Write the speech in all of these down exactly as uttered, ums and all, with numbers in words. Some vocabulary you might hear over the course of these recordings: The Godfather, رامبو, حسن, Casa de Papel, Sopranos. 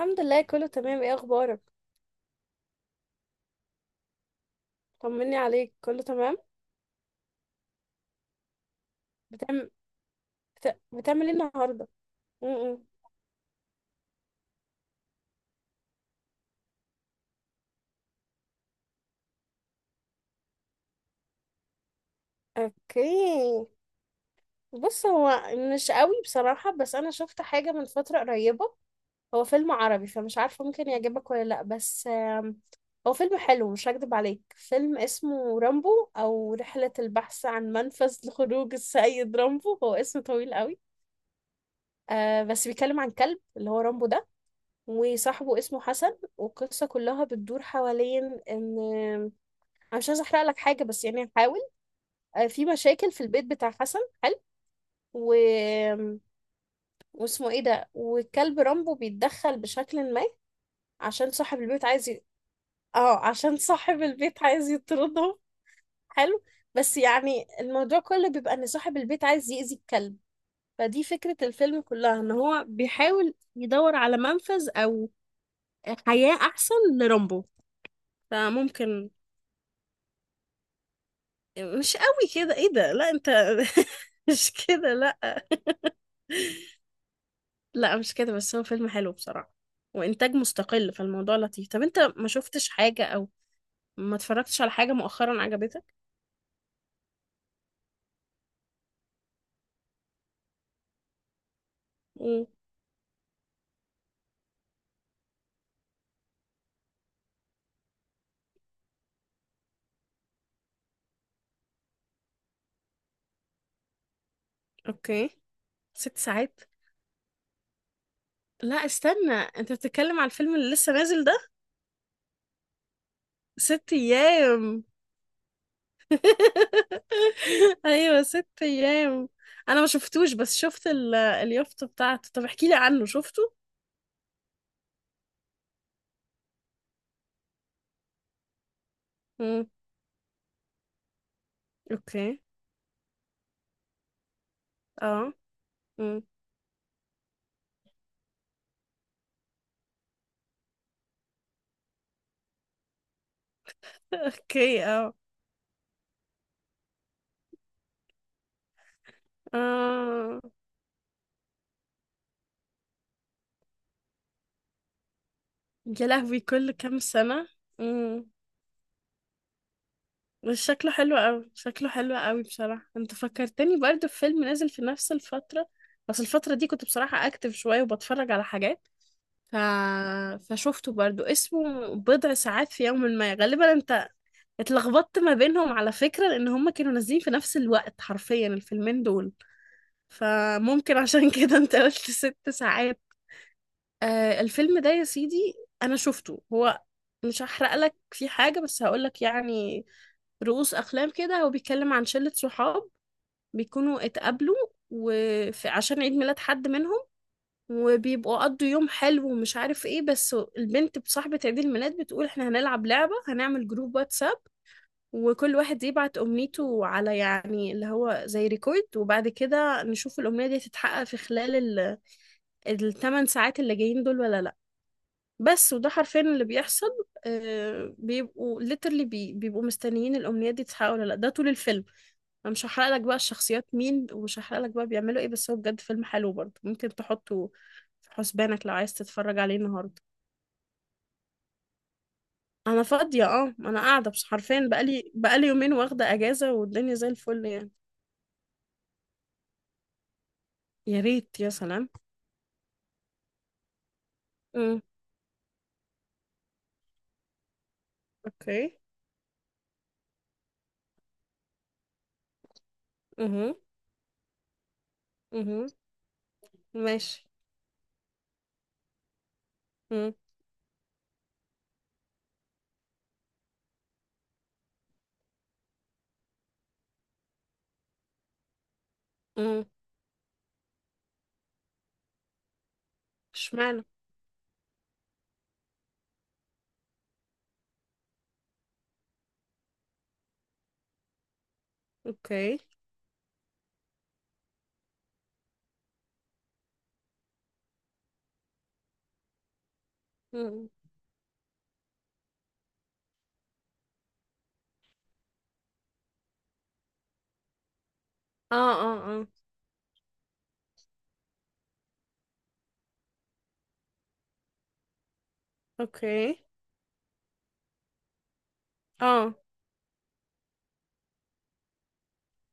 الحمد لله، كله تمام. ايه اخبارك؟ طمني عليك، كله تمام؟ بتعمل بت- بتعمل ايه النهارده؟ امم اوكي. بص، هو مش قوي بصراحه، بس انا شفت حاجه من فتره قريبه. هو فيلم عربي، فمش عارفه ممكن يعجبك ولا لا، بس آم، هو فيلم حلو، مش هكدب عليك. فيلم اسمه رامبو، او رحله البحث عن منفذ لخروج السيد رامبو. هو اسم طويل قوي. آه بس بيتكلم عن كلب، اللي هو رامبو ده، وصاحبه اسمه حسن. والقصة كلها بتدور حوالين، ان انا مش عايزة احرق لك حاجة، بس يعني هحاول. آه، في مشاكل في البيت بتاع حسن. حلو. و... واسمه ايه ده، والكلب رامبو بيتدخل بشكل ما. عشان صاحب البيت عايز ي... اه عشان صاحب البيت عايز يطردهم. حلو. بس يعني الموضوع كله بيبقى ان صاحب البيت عايز يأذي الكلب. فدي فكرة الفيلم كلها، ان هو بيحاول يدور على منفذ او حياة احسن لرامبو. فممكن مش قوي كده. ايه ده؟ لا انت. مش كده، لا. لا مش كده، بس هو فيلم حلو بصراحة، وانتاج مستقل. فالموضوع لطيف. طب انت ما شفتش حاجة، او ما اتفرجتش على حاجة مؤخرا عجبتك؟ مم. اوكي. ست ساعات. لا، استنى. انت بتتكلم على الفيلم اللي لسه نازل ده؟ ست ايام؟ ايوه، ست ايام. انا ما شفتوش، بس شفت ال- اليافطة بتاعته. طب احكي لي عنه، شفته. مم. اوكي، اه. مم. اوكي، اه، اه. يا لهوي، كل كام سنة! امم. بس شكله حلو قوي، شكله حلو قوي بصراحة. انت فكرتني برضه في فيلم نازل في نفس الفترة، بس الفترة دي كنت بصراحة اكتف شوية وبتفرج على حاجات. ف... فشفته برضه، اسمه بضع ساعات في يوم ما. غالبا انت اتلخبطت ما بينهم على فكرة، لان هما كانوا نازلين في نفس الوقت حرفيا، الفيلمين دول. فممكن عشان كده انت قلت ست ساعات. آه، الفيلم ده يا سيدي، انا شفته. هو، مش هحرق لك فيه حاجة، بس هقول لك يعني رؤوس اقلام كده. هو بيتكلم عن شلة صحاب، بيكونوا اتقابلوا وفي عشان عيد ميلاد حد منهم، وبيبقوا قضوا يوم حلو ومش عارف ايه. بس البنت، بصاحبة عيد الميلاد، بتقول احنا هنلعب لعبة، هنعمل جروب واتساب، وكل واحد يبعت أمنيته على، يعني اللي هو زي ريكورد، وبعد كده نشوف الأمنية دي تتحقق في خلال ال- الثمان ساعات اللي جايين دول ولا لأ. بس وده حرفيا اللي بيحصل. آه بيبقوا literally بي بيبقوا مستنيين الأمنيات دي تتحقق ولا لأ، ده طول الفيلم. أنا مش هحرق لك بقى الشخصيات مين، ومش هحرق لك بقى بيعملوا إيه، بس هو بجد فيلم حلو برضه. ممكن تحطه في حسبانك لو عايز تتفرج عليه النهاردة. أنا فاضية، أه أنا قاعدة، بس حرفيا بقالي بقالي يومين واخدة أجازة، والدنيا زي الفل يعني. يا ريت، يا سلام. امم. أوكي. امم. امم. ماشي. امم. امم. اشمعنى؟ أوكي. امم. اه، اه، اه. اوكي، اه.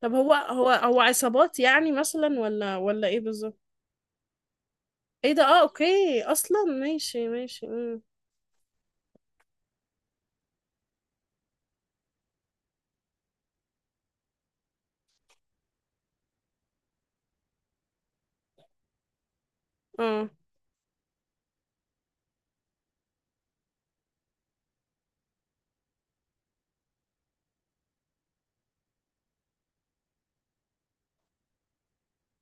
طب هو هو هو عصابات يعني، مثلا؟ ولا ولا ايه بالظبط؟ ايه ده؟ اه، اوكي اصلا. ماشي، ماشي. امم. اه.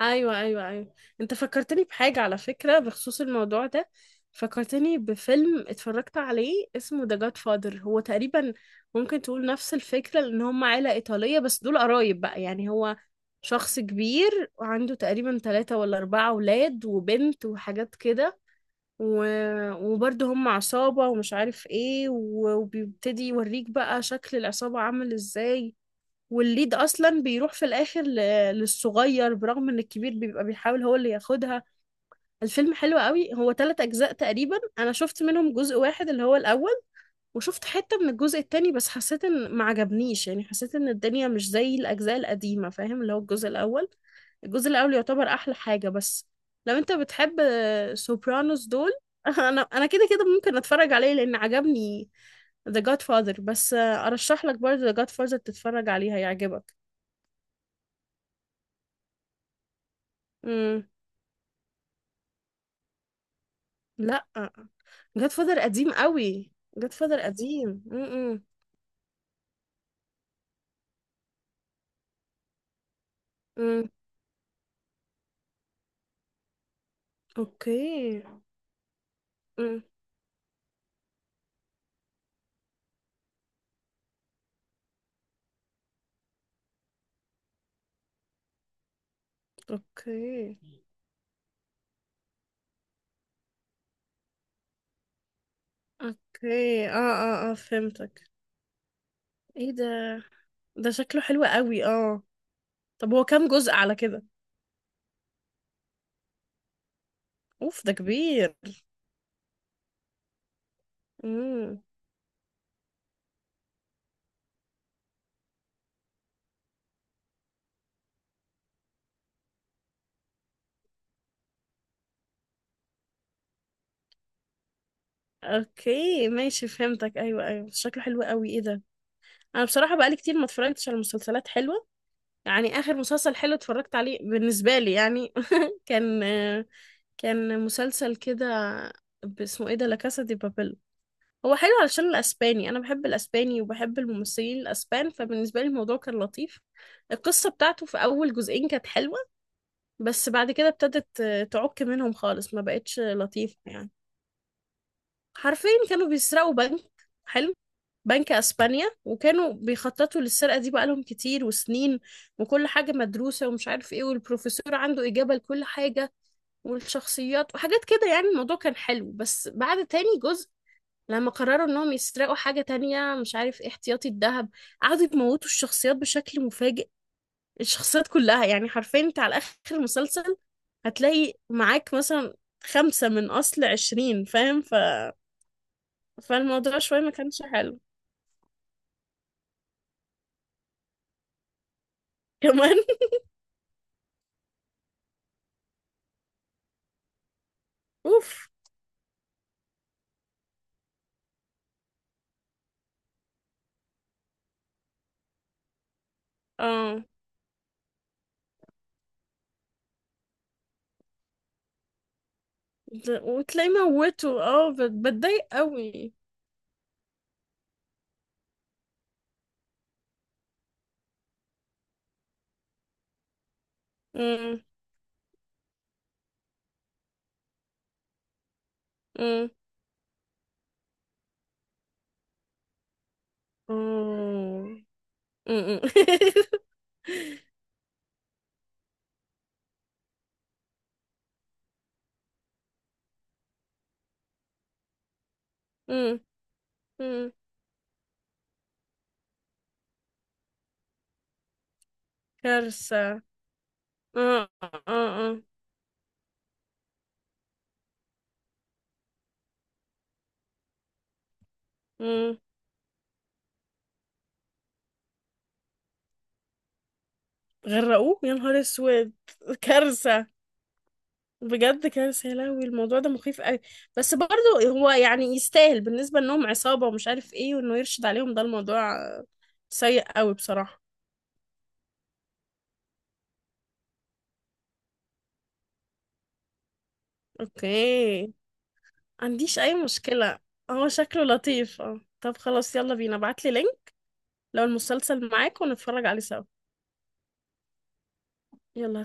ايوه، ايوه، ايوه. انت فكرتني بحاجه، على فكره، بخصوص الموضوع ده. فكرتني بفيلم اتفرجت عليه، اسمه ذا جاد فادر. هو تقريبا ممكن تقول نفس الفكره، لان هم عيله ايطاليه، بس دول قرايب بقى. يعني هو شخص كبير وعنده تقريبا ثلاثة ولا أربعة أولاد وبنت وحاجات كده. و... وبرضه هم عصابة، ومش عارف ايه، و- وبيبتدي يوريك بقى شكل العصابة عامل ازاي. والليد اصلا بيروح في الاخر ل... للصغير، برغم ان الكبير بيبقى بيحاول هو اللي ياخدها. الفيلم حلو قوي، هو ثلاث اجزاء تقريبا. انا شفت منهم جزء واحد، اللي هو الاول، وشفت حتة من الجزء التاني، بس حسيت ان ما عجبنيش. يعني حسيت ان الدنيا مش زي الأجزاء القديمة، فاهم؟ اللي هو الجزء الأول، الجزء الأول يعتبر أحلى حاجة. بس لو أنت بتحب سوبرانوس دول، أنا أنا كده كده ممكن أتفرج عليه لأن عجبني The Godfather. بس أرشح لك برضه The Godfather تتفرج عليه، هيعجبك. امم. لا، Godfather قديم قوي. Godfather قديم. امم. امم. اوكي. امم. اوكي، اوكي. اه، اه، اه، فهمتك. ايه ده ده شكله حلو قوي، اه. طب هو كام جزء على كده؟ اوف، ده كبير. امم. اوكي، ماشي، فهمتك. ايوه، ايوه، شكله حلو قوي. ايه ده؟ انا بصراحه بقالي كتير ما اتفرجتش على مسلسلات حلوه. يعني اخر مسلسل حلو اتفرجت عليه بالنسبه لي يعني كان كان مسلسل كده، اسمه ايه ده، لا كاسا دي بابل. هو حلو علشان الاسباني، انا بحب الاسباني وبحب الممثلين الاسبان، فبالنسبه لي الموضوع كان لطيف. القصه بتاعته في اول جزئين كانت حلوه، بس بعد كده ابتدت آه، تعك منهم خالص، ما بقتش لطيفه يعني. حرفيا كانوا بيسرقوا بنك. حلو. بنك اسبانيا، وكانوا بيخططوا للسرقه دي بقالهم كتير وسنين، وكل حاجه مدروسه ومش عارف ايه، والبروفيسور عنده اجابه لكل حاجه، والشخصيات وحاجات كده. يعني الموضوع كان حلو، بس بعد تاني جزء، لما قرروا انهم يسرقوا حاجة تانية، مش عارف إيه، احتياطي الذهب، قعدوا يموتوا الشخصيات بشكل مفاجئ. الشخصيات كلها، يعني حرفيا انت على اخر المسلسل هتلاقي معاك مثلا خمسة من اصل عشرين، فاهم؟ ف... فالموضوع شوية ما كانش حلو. كمان. اوف. اه. د- وتلاقي موته، اه بت- بتضايق قوي. أمم، أمم، أمم، أمم. أمم، أمم. كارثة. اه، اه، اه. مم. غرقوه، يا نهار اسود. كارثة، بجد كارثة. يا لهوي، الموضوع ده مخيف قوي. بس برضه هو يعني يستاهل، بالنسبة انهم عصابة ومش عارف ايه، وانه يرشد عليهم، ده الموضوع سيء قوي بصراحة. اوكي، عنديش اي مشكلة. هو شكله لطيف، اه. طب خلاص، يلا بينا، ابعتلي لينك لو المسلسل معاك ونتفرج عليه سوا. يلا.